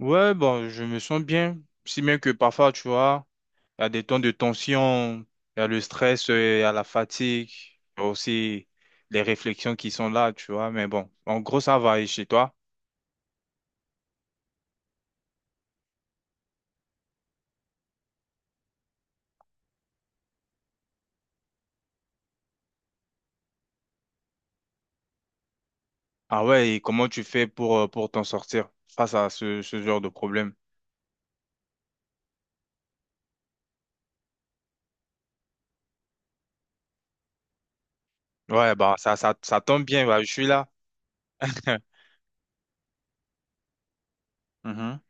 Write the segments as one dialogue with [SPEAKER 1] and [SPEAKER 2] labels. [SPEAKER 1] Ouais, bon, je me sens bien. Si bien que parfois, tu vois, il y a des temps de tension, il y a le stress, il y a la fatigue, il y a aussi les réflexions qui sont là, tu vois. Mais bon, en gros, ça va. Et chez toi? Ah ouais, et comment tu fais pour t'en sortir face à ce genre de problème? Ouais, bah, ça tombe bien, bah, je suis là. Mhm.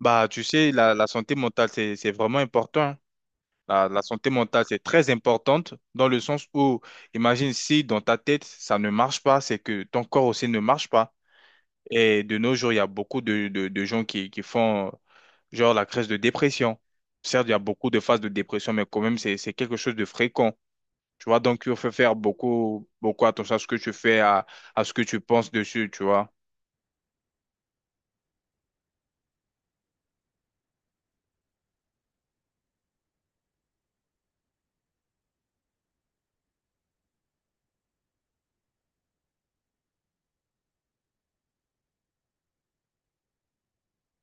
[SPEAKER 1] Bah, tu sais, la santé mentale, c'est vraiment important. La santé mentale, c'est très importante dans le sens où, imagine si dans ta tête, ça ne marche pas, c'est que ton corps aussi ne marche pas. Et de nos jours, il y a beaucoup de gens qui font genre la crise de dépression. Certes, il y a beaucoup de phases de dépression, mais quand même, c'est quelque chose de fréquent. Tu vois, donc il faut faire beaucoup, beaucoup attention à ce que tu fais, à ce que tu penses dessus, tu vois.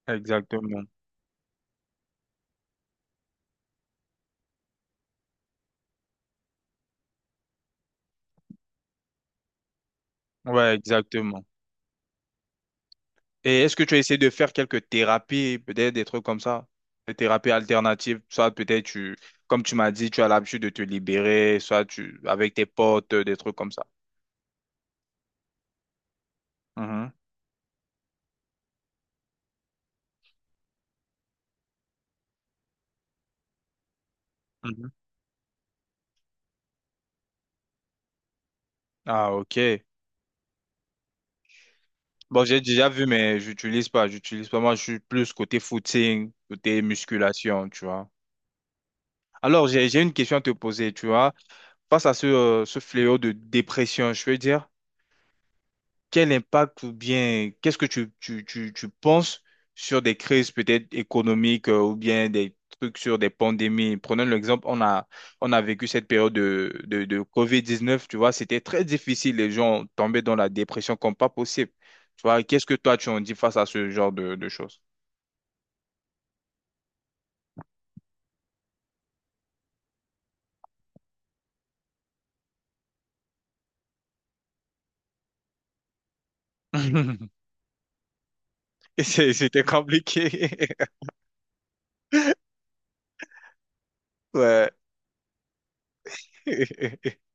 [SPEAKER 1] Exactement. Ouais, exactement. Et est-ce que tu as essayé de faire quelques thérapies, peut-être des trucs comme ça, des thérapies alternatives, soit peut-être tu, comme tu m'as dit, tu as l'habitude de te libérer, soit tu, avec tes potes, des trucs comme ça. Mhm, mhm. Ah, ok. Bon, j'ai déjà vu, mais j'utilise pas, j'utilise pas. Moi, je suis plus côté footing, côté musculation, tu vois. Alors, j'ai une question à te poser, tu vois. Face à ce fléau de dépression, je veux dire. Quel impact ou bien qu'est-ce que tu penses sur des crises peut-être économiques ou bien des trucs sur des pandémies? Prenons l'exemple, on a vécu cette période de COVID-19, tu vois, c'était très difficile, les gens tombaient dans la dépression comme pas possible. Tu vois, qu'est-ce que toi tu en dis face à ce genre de choses? C'était compliqué. Ouais.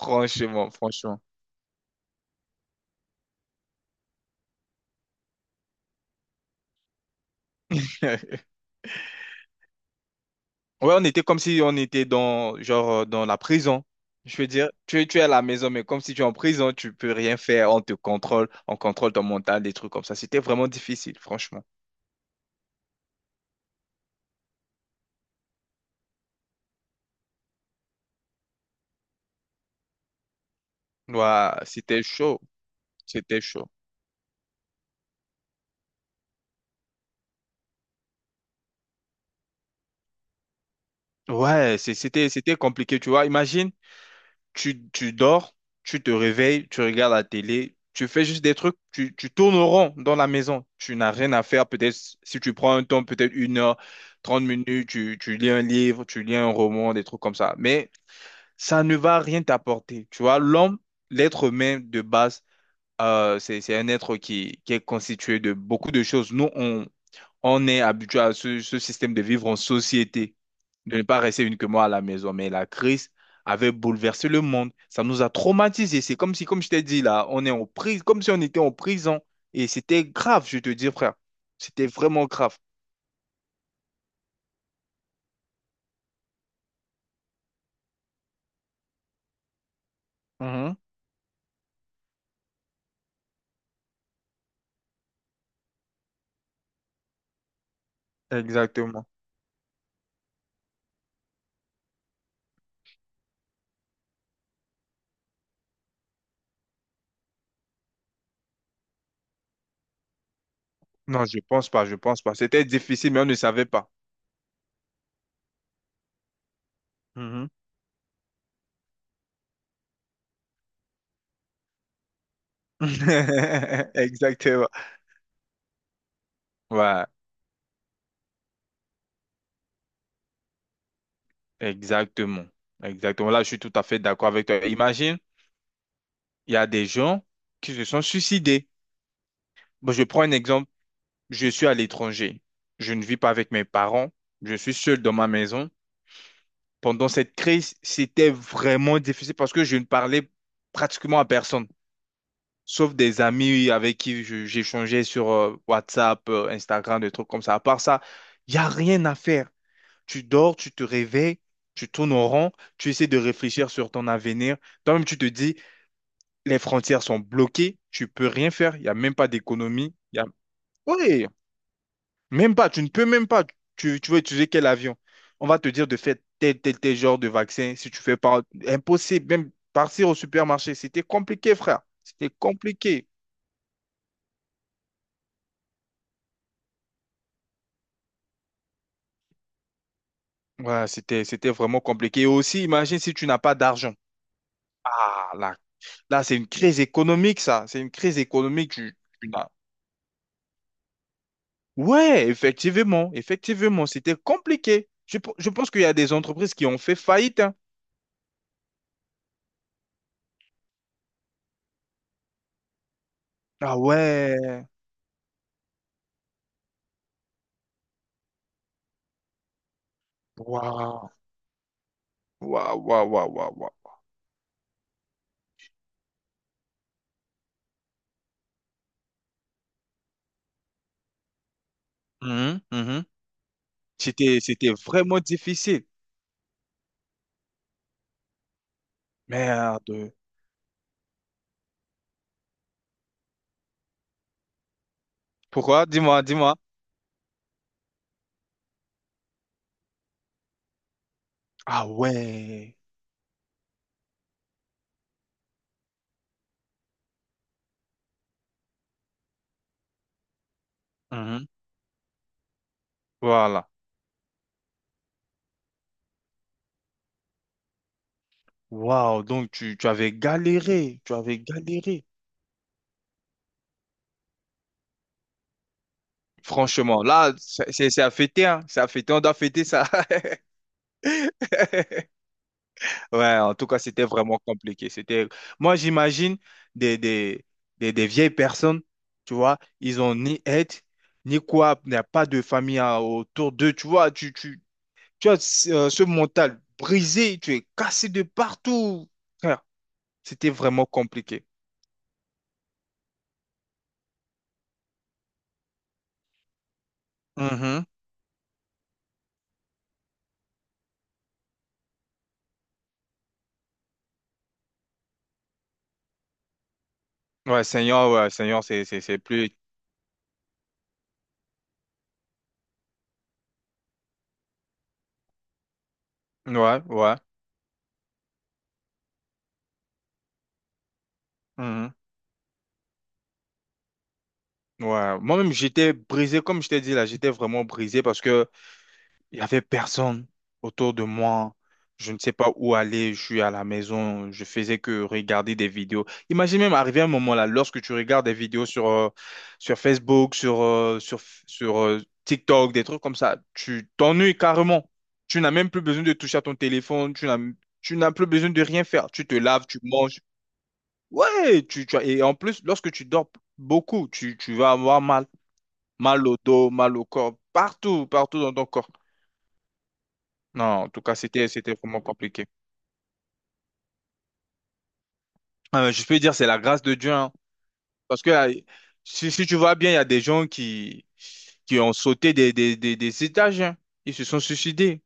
[SPEAKER 1] Franchement, franchement. Ouais, on était comme si on était dans, genre, dans la prison. Je veux dire, tu es à la maison, mais comme si tu es en prison, tu peux rien faire. On te contrôle, on contrôle ton mental, des trucs comme ça. C'était vraiment difficile, franchement. Ouais, c'était chaud. C'était chaud. Ouais, c'était compliqué, tu vois. Imagine, tu dors, tu te réveilles, tu regardes la télé, tu fais juste des trucs, tu tournes au rond dans la maison. Tu n'as rien à faire. Peut-être si tu prends un temps, peut-être une heure, 30 minutes, tu lis un livre, tu lis un roman, des trucs comme ça. Mais ça ne va rien t'apporter. Tu vois, l'homme, l'être humain de base, c'est un être qui est constitué de beaucoup de choses. Nous, on est habitué à ce système de vivre en société, de ne pas rester uniquement à la maison. Mais la crise avait bouleversé le monde. Ça nous a traumatisés. C'est comme si, comme je t'ai dit là, on est en prise, comme si on était en prison. Et c'était grave, je te dis, frère. C'était vraiment grave. Mhm. Exactement. Non, je pense pas, je pense pas. C'était difficile, mais on ne savait pas. Mhm. Exactement. Ouais, exactement. Exactement. Là, je suis tout à fait d'accord avec toi. Imagine, il y a des gens qui se sont suicidés. Bon, je prends un exemple. Je suis à l'étranger. Je ne vis pas avec mes parents. Je suis seul dans ma maison. Pendant cette crise, c'était vraiment difficile parce que je ne parlais pratiquement à personne, sauf des amis avec qui j'échangeais sur WhatsApp, Instagram, des trucs comme ça. À part ça, il n'y a rien à faire. Tu dors, tu te réveilles, tu tournes en rond, tu essaies de réfléchir sur ton avenir. Toi-même, tu te dis, les frontières sont bloquées, tu peux rien faire, il n'y a même pas d'économie. Il y a. Oui, même pas, tu ne peux même pas. Tu veux utiliser quel avion? On va te dire de faire tel, tel, tel genre de vaccin. Si tu fais pas, impossible, même partir au supermarché, c'était compliqué, frère. C'était compliqué. Ouais, c'était vraiment compliqué. Et aussi, imagine si tu n'as pas d'argent. Ah, là, là, c'est une crise économique, ça. C'est une crise économique. Tu n'as- Ouais, effectivement, effectivement, c'était compliqué. Je pense qu'il y a des entreprises qui ont fait faillite, hein. Ah ouais, waouh, waouh, waouh, waouh, waouh. Waouh. Mhm, mhm. C'était vraiment difficile. Merde. Pourquoi? Dis-moi, dis-moi. Ah ouais. Mhm. Voilà. Waouh, donc tu avais galéré, tu avais galéré. Franchement, là, c'est à fêter, hein. C'est à fêter, on doit fêter ça. Ouais, en tout cas, c'était vraiment compliqué. C'était, moi, j'imagine des, des, des vieilles personnes, tu vois, ils ont ni aide, ni quoi, il n'y a pas de famille hein, autour d'eux, tu vois, tu as ce mental brisé, tu es cassé de partout. Frère, c'était vraiment compliqué. Mhm. Ouais, Seigneur, c'est plus. Ouais, ouais. Mhm. Ouais. Moi-même, j'étais brisé, comme je t'ai dit là, j'étais vraiment brisé parce que il y avait personne autour de moi. Je ne sais pas où aller. Je suis à la maison. Je faisais que regarder des vidéos. Imagine même arriver un moment là, lorsque tu regardes des vidéos sur Facebook, sur TikTok, des trucs comme ça, tu t'ennuies carrément. Tu n'as même plus besoin de toucher à ton téléphone. Tu n'as plus besoin de rien faire. Tu te laves, tu manges. Ouais, et en plus, lorsque tu dors beaucoup, tu vas avoir mal, mal au dos, mal au corps, partout, partout dans ton corps. Non, en tout cas, c'était vraiment compliqué. Ah, mais je peux dire, c'est la grâce de Dieu, hein. Parce que si tu vois bien, il y a des gens qui ont sauté des étages, hein. Ils se sont suicidés.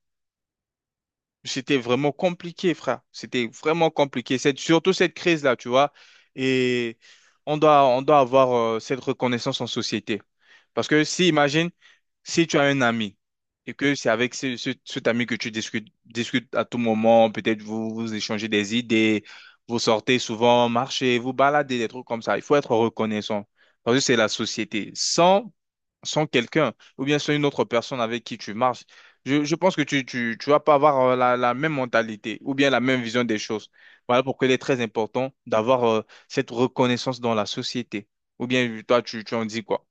[SPEAKER 1] C'était vraiment compliqué, frère. C'était vraiment compliqué. Cette, surtout cette crise-là, tu vois. Et on doit avoir cette reconnaissance en société. Parce que si, imagine, si tu as un ami et que c'est avec cet ami que tu discutes, discutes à tout moment, peut-être vous échangez des idées, vous sortez souvent, marchez, vous baladez, des trucs comme ça. Il faut être reconnaissant. Parce que c'est la société. Sans quelqu'un ou bien sans une autre personne avec qui tu marches, je pense que tu vas pas avoir la même mentalité ou bien la même vision des choses. Voilà pourquoi il est très important d'avoir cette reconnaissance dans la société. Ou bien toi, tu en dis quoi?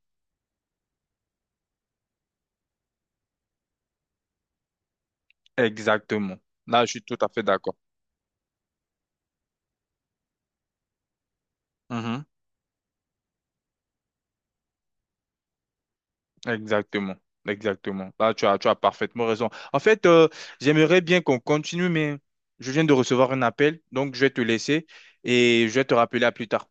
[SPEAKER 1] Exactement. Là, je suis tout à fait d'accord. Mhm. Exactement. Exactement. Là, tu as parfaitement raison. En fait, j'aimerais bien qu'on continue, mais je viens de recevoir un appel, donc je vais te laisser et je vais te rappeler à plus tard.